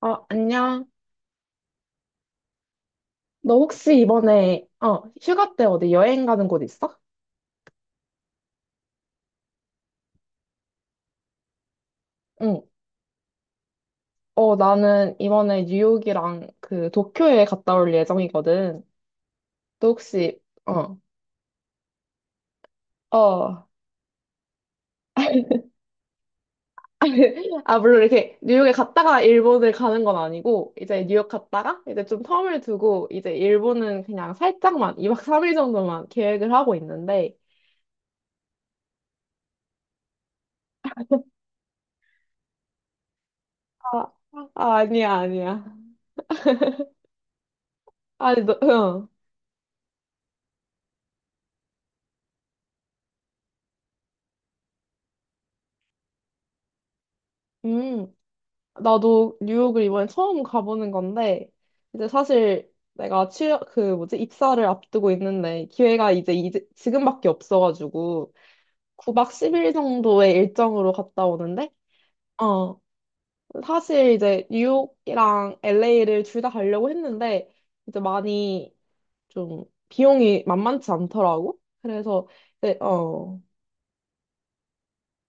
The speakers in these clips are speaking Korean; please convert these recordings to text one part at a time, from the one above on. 안녕. 너 혹시 이번에, 휴가 때 어디 여행 가는 곳 있어? 응. 나는 이번에 뉴욕이랑 그 도쿄에 갔다 올 예정이거든. 너 혹시, 어, 어. 아, 물론 이렇게 뉴욕에 갔다가 일본을 가는 건 아니고, 이제 뉴욕 갔다가 이제 좀 텀을 두고, 이제 일본은 그냥 살짝만, 2박 3일 정도만 계획을 하고 있는데. 아, 아, 아니야, 아니야. 아니, 너, 응. 음. 나도 뉴욕을 이번에 처음 가보는 건데, 이제 사실 내가 취업, 그 뭐지, 입사를 앞두고 있는데, 기회가 이제 지금밖에 없어가지고, 9박 10일 정도의 일정으로 갔다 오는데, 어, 사실 이제 뉴욕이랑 LA를 둘 다 가려고 했는데, 이제 많이 좀 비용이 만만치 않더라고. 그래서, 이제,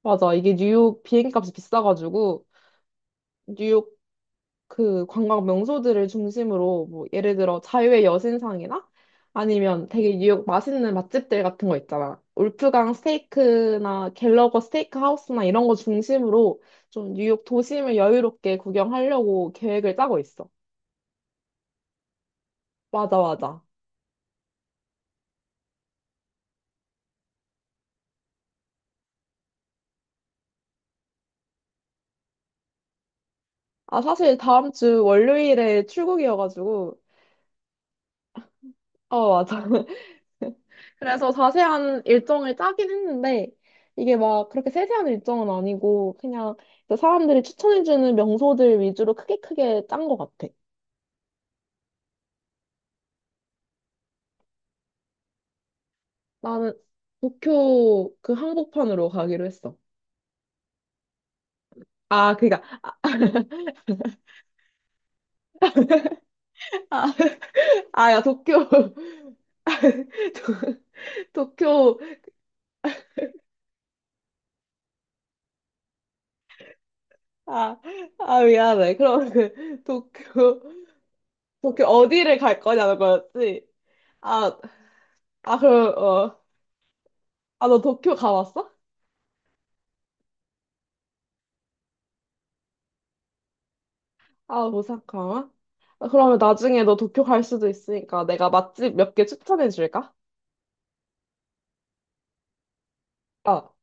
맞아. 이게 뉴욕 비행값이 비싸가지고, 뉴욕 그 관광 명소들을 중심으로 뭐 예를 들어 자유의 여신상이나 아니면 되게 뉴욕 맛있는 맛집들 같은 거 있잖아. 울프강 스테이크나 갤러거 스테이크 하우스나 이런 거 중심으로 좀 뉴욕 도심을 여유롭게 구경하려고 계획을 짜고 있어. 맞아, 맞아. 아, 사실 다음 주 월요일에 출국이어가지고. 어, 맞아. 그래서 자세한 일정을 짜긴 했는데, 이게 막 그렇게 세세한 일정은 아니고, 그냥 그 사람들이 추천해주는 명소들 위주로 크게 크게 짠 것 같아. 나는 도쿄 그 한복판으로 가기로 했어. 아, 그니까, 아, 야, 도쿄, 도, 도쿄, 아, 아, 미안해. 그럼 그, 도쿄 어디를 갈 거냐는 거였지? 아, 그럼, 너 도쿄 가봤어? 아, 오사카? 아, 그러면 나중에 너 도쿄 갈 수도 있으니까 내가 맛집 몇 개 추천해 줄까? 어,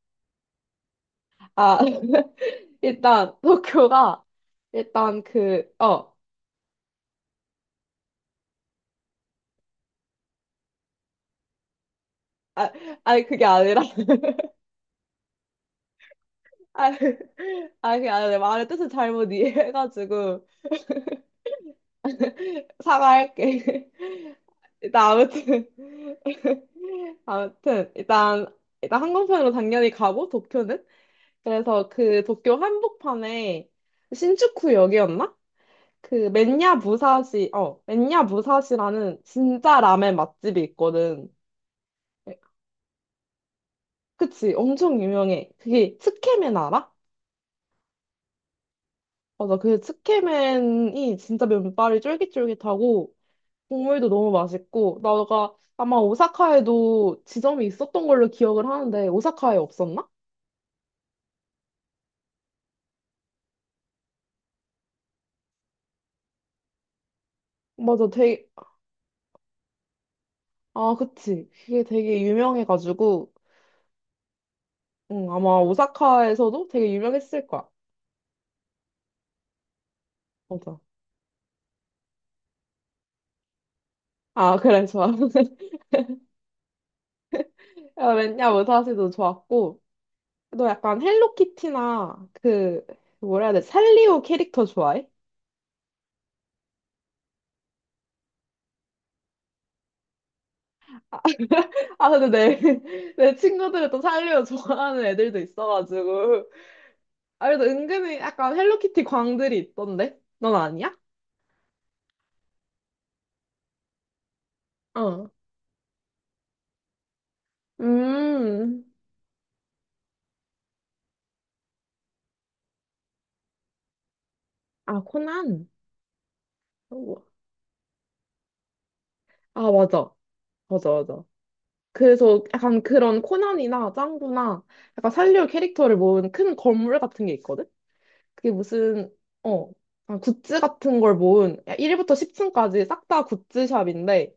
아, 일단 도쿄가 일단 그, 아, 아니 그게 아니라, 아, 아니 그게 아니라 내 말의 뜻을 잘못 이해해가지고 사과할게. 일단 아무튼, 아무튼 일단 항공편으로 당연히 가고 도쿄는 그래서 그 도쿄 한복판에 신주쿠역이었나? 그 맨야 무사시라는 진짜 라멘 맛집이 있거든. 그치, 엄청 유명해. 그게 츠케멘 알아? 맞아, 그 츠케멘이 진짜 면발이 쫄깃쫄깃하고 국물도 너무 맛있고 나가 아마 오사카에도 지점이 있었던 걸로 기억을 하는데 오사카에 없었나? 맞아, 되게. 아, 그치. 그게 되게 유명해가지고 응, 아마 오사카에서도 되게 유명했을 거야. 맞아. 아, 그래, 좋아. 야, 왜냐, 무사시도 좋았고. 너 약간 헬로키티나 그, 뭐라 해야 돼? 산리오 캐릭터 좋아해? 아, 근데 내, 내 친구들은 또 산리오 좋아하는 애들도 있어가지고. 아, 그래도 은근히 약간 헬로키티 광들이 있던데? 넌 아니야? 어. 음. 아, 코난. 아, 맞아. 맞아, 맞아. 그래서 약간 그런 코난이나 짱구나 약간 산류 캐릭터를 모은 큰 건물 같은 게 있거든? 그게 무슨, 어, 약간 굿즈 같은 걸 모은 1부터 10층까지 싹 다 굿즈샵인데,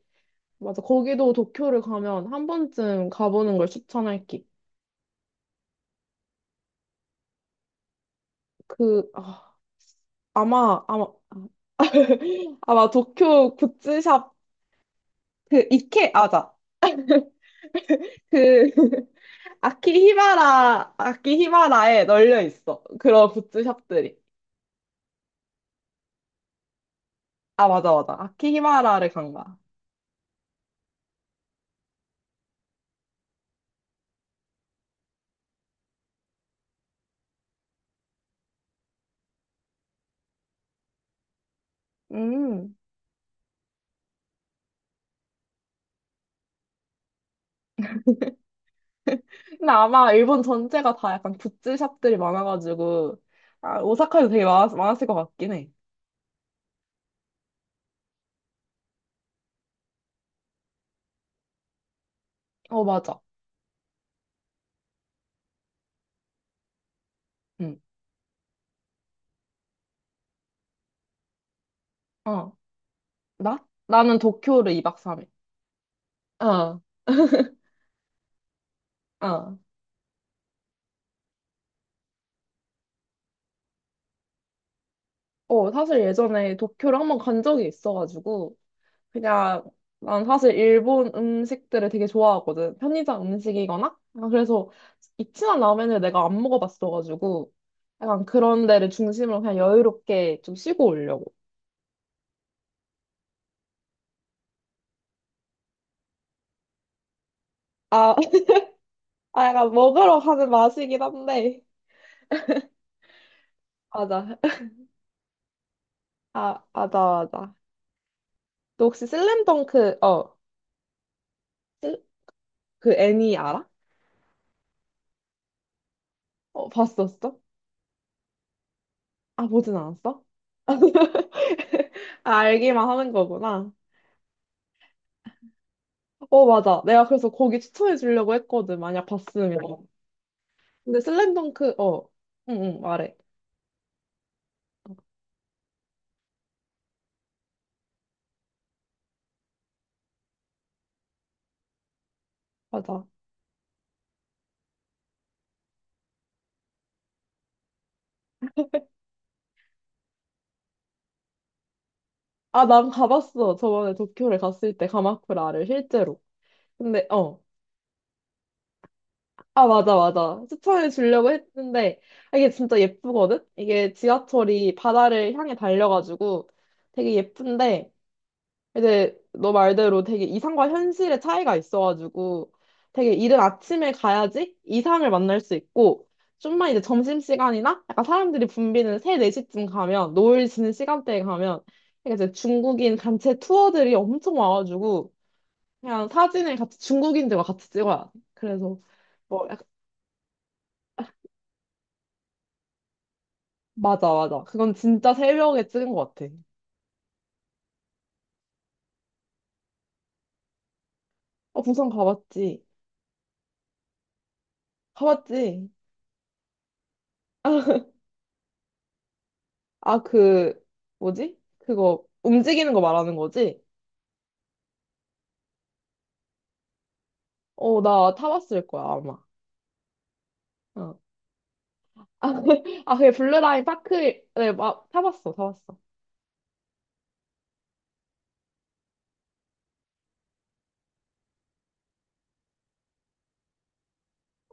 맞아. 거기도 도쿄를 가면 한 번쯤 가보는 걸 추천할게. 그, 아, 아마, 아, 아마 도쿄 굿즈샵, 그, 이케, 아자. 그, 아키히바라에 널려 있어. 그런 굿즈샵들이. 아, 맞아, 맞아. 아키히바라를 간 거야. 음. 근데 아마 일본 전체가 다 약간 굿즈샵들이 많아가지고, 아, 오사카에도 되게 많았을 것 같긴 해. 어, 맞아. 응. 어. 나? 나는 도쿄를 2박 3일. 어, 어. 사실 예전에 도쿄를 한번 간 적이 있어가지고, 그냥 난 사실 일본 음식들을 되게 좋아하거든. 편의점 음식이거나. 아, 그래서 이치란 라면을 내가 안 먹어봤어가지고 약간 그런 데를 중심으로 그냥 여유롭게 좀 쉬고 오려고. 아, 아 약간 먹으러 가는 맛이긴 한데. 맞아. 아, 맞아, 맞아. 너 혹시 슬램덩크, 슬- 그 애니 알아? 어, 봤었어? 아, 보진 않았어? 아, 알기만 하는 거구나. 어, 맞아. 내가 그래서 거기 추천해 주려고 했거든. 만약 봤으면. 근데 슬램덩크, 응, 응, 말해. 맞아. 아, 난 가봤어. 저번에 도쿄를 갔을 때 가마쿠라를 실제로. 근데. 아, 맞아, 맞아. 추천해 주려고 했는데, 아, 이게 진짜 예쁘거든? 이게 지하철이 바다를 향해 달려가지고 되게 예쁜데, 근데 너 말대로 되게 이상과 현실의 차이가 있어가지고 되게 이른 아침에 가야지 이상을 만날 수 있고 좀만 이제 점심시간이나 약간 사람들이 붐비는 3, 4시쯤 가면 노을 지는 시간대에 가면 그러니까 이제 중국인 단체 투어들이 엄청 와가지고 그냥 사진을 같이 중국인들과 같이 찍어야 돼. 그래서 뭐 약간, 맞아, 맞아, 그건 진짜 새벽에 찍은 것 같아. 어, 부산 가봤지? 가봤지? 아, 그, 뭐지? 그거, 움직이는 거 말하는 거지? 어, 나 타봤을 거야, 아마. 어. 아, 아, 그게 블루라인 파크에, 막, 타봤어, 타봤어.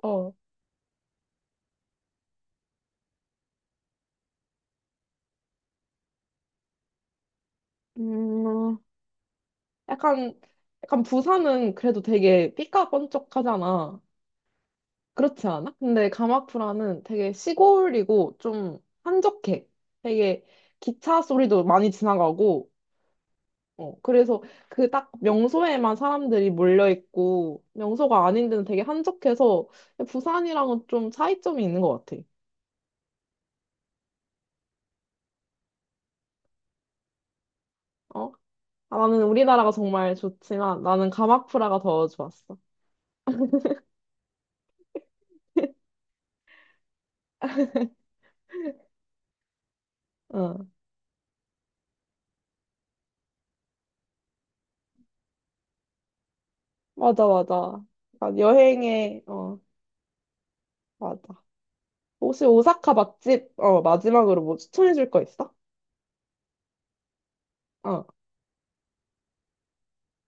어. 음, 약간, 약간 부산은 그래도 되게 삐까뻔쩍하잖아. 그렇지 않아? 근데 가마쿠라는 되게 시골이고 좀 한적해. 되게 기차 소리도 많이 지나가고, 어, 그래서 그 딱 명소에만 사람들이 몰려 있고 명소가 아닌 데는 되게 한적해서 부산이랑은 좀 차이점이 있는 것 같아. 어? 아, 나는 우리나라가 정말 좋지만 나는 가마쿠라가 더 좋았어. 응, 맞아, 맞아. 그러니까 여행에, 맞아. 혹시 오사카 맛집, 마지막으로 뭐 추천해 줄 거 있어? 어.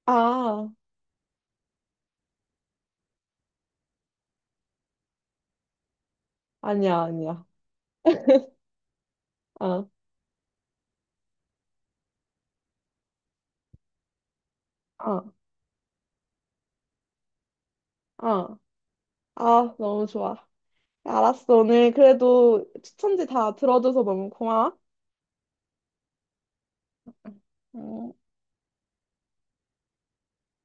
아, 아니야, 아니야. 어, 어, 어. 아, 너무 좋아. 알았어. 오늘 그래도 추천지 다 들어줘서 너무 고마워. 음.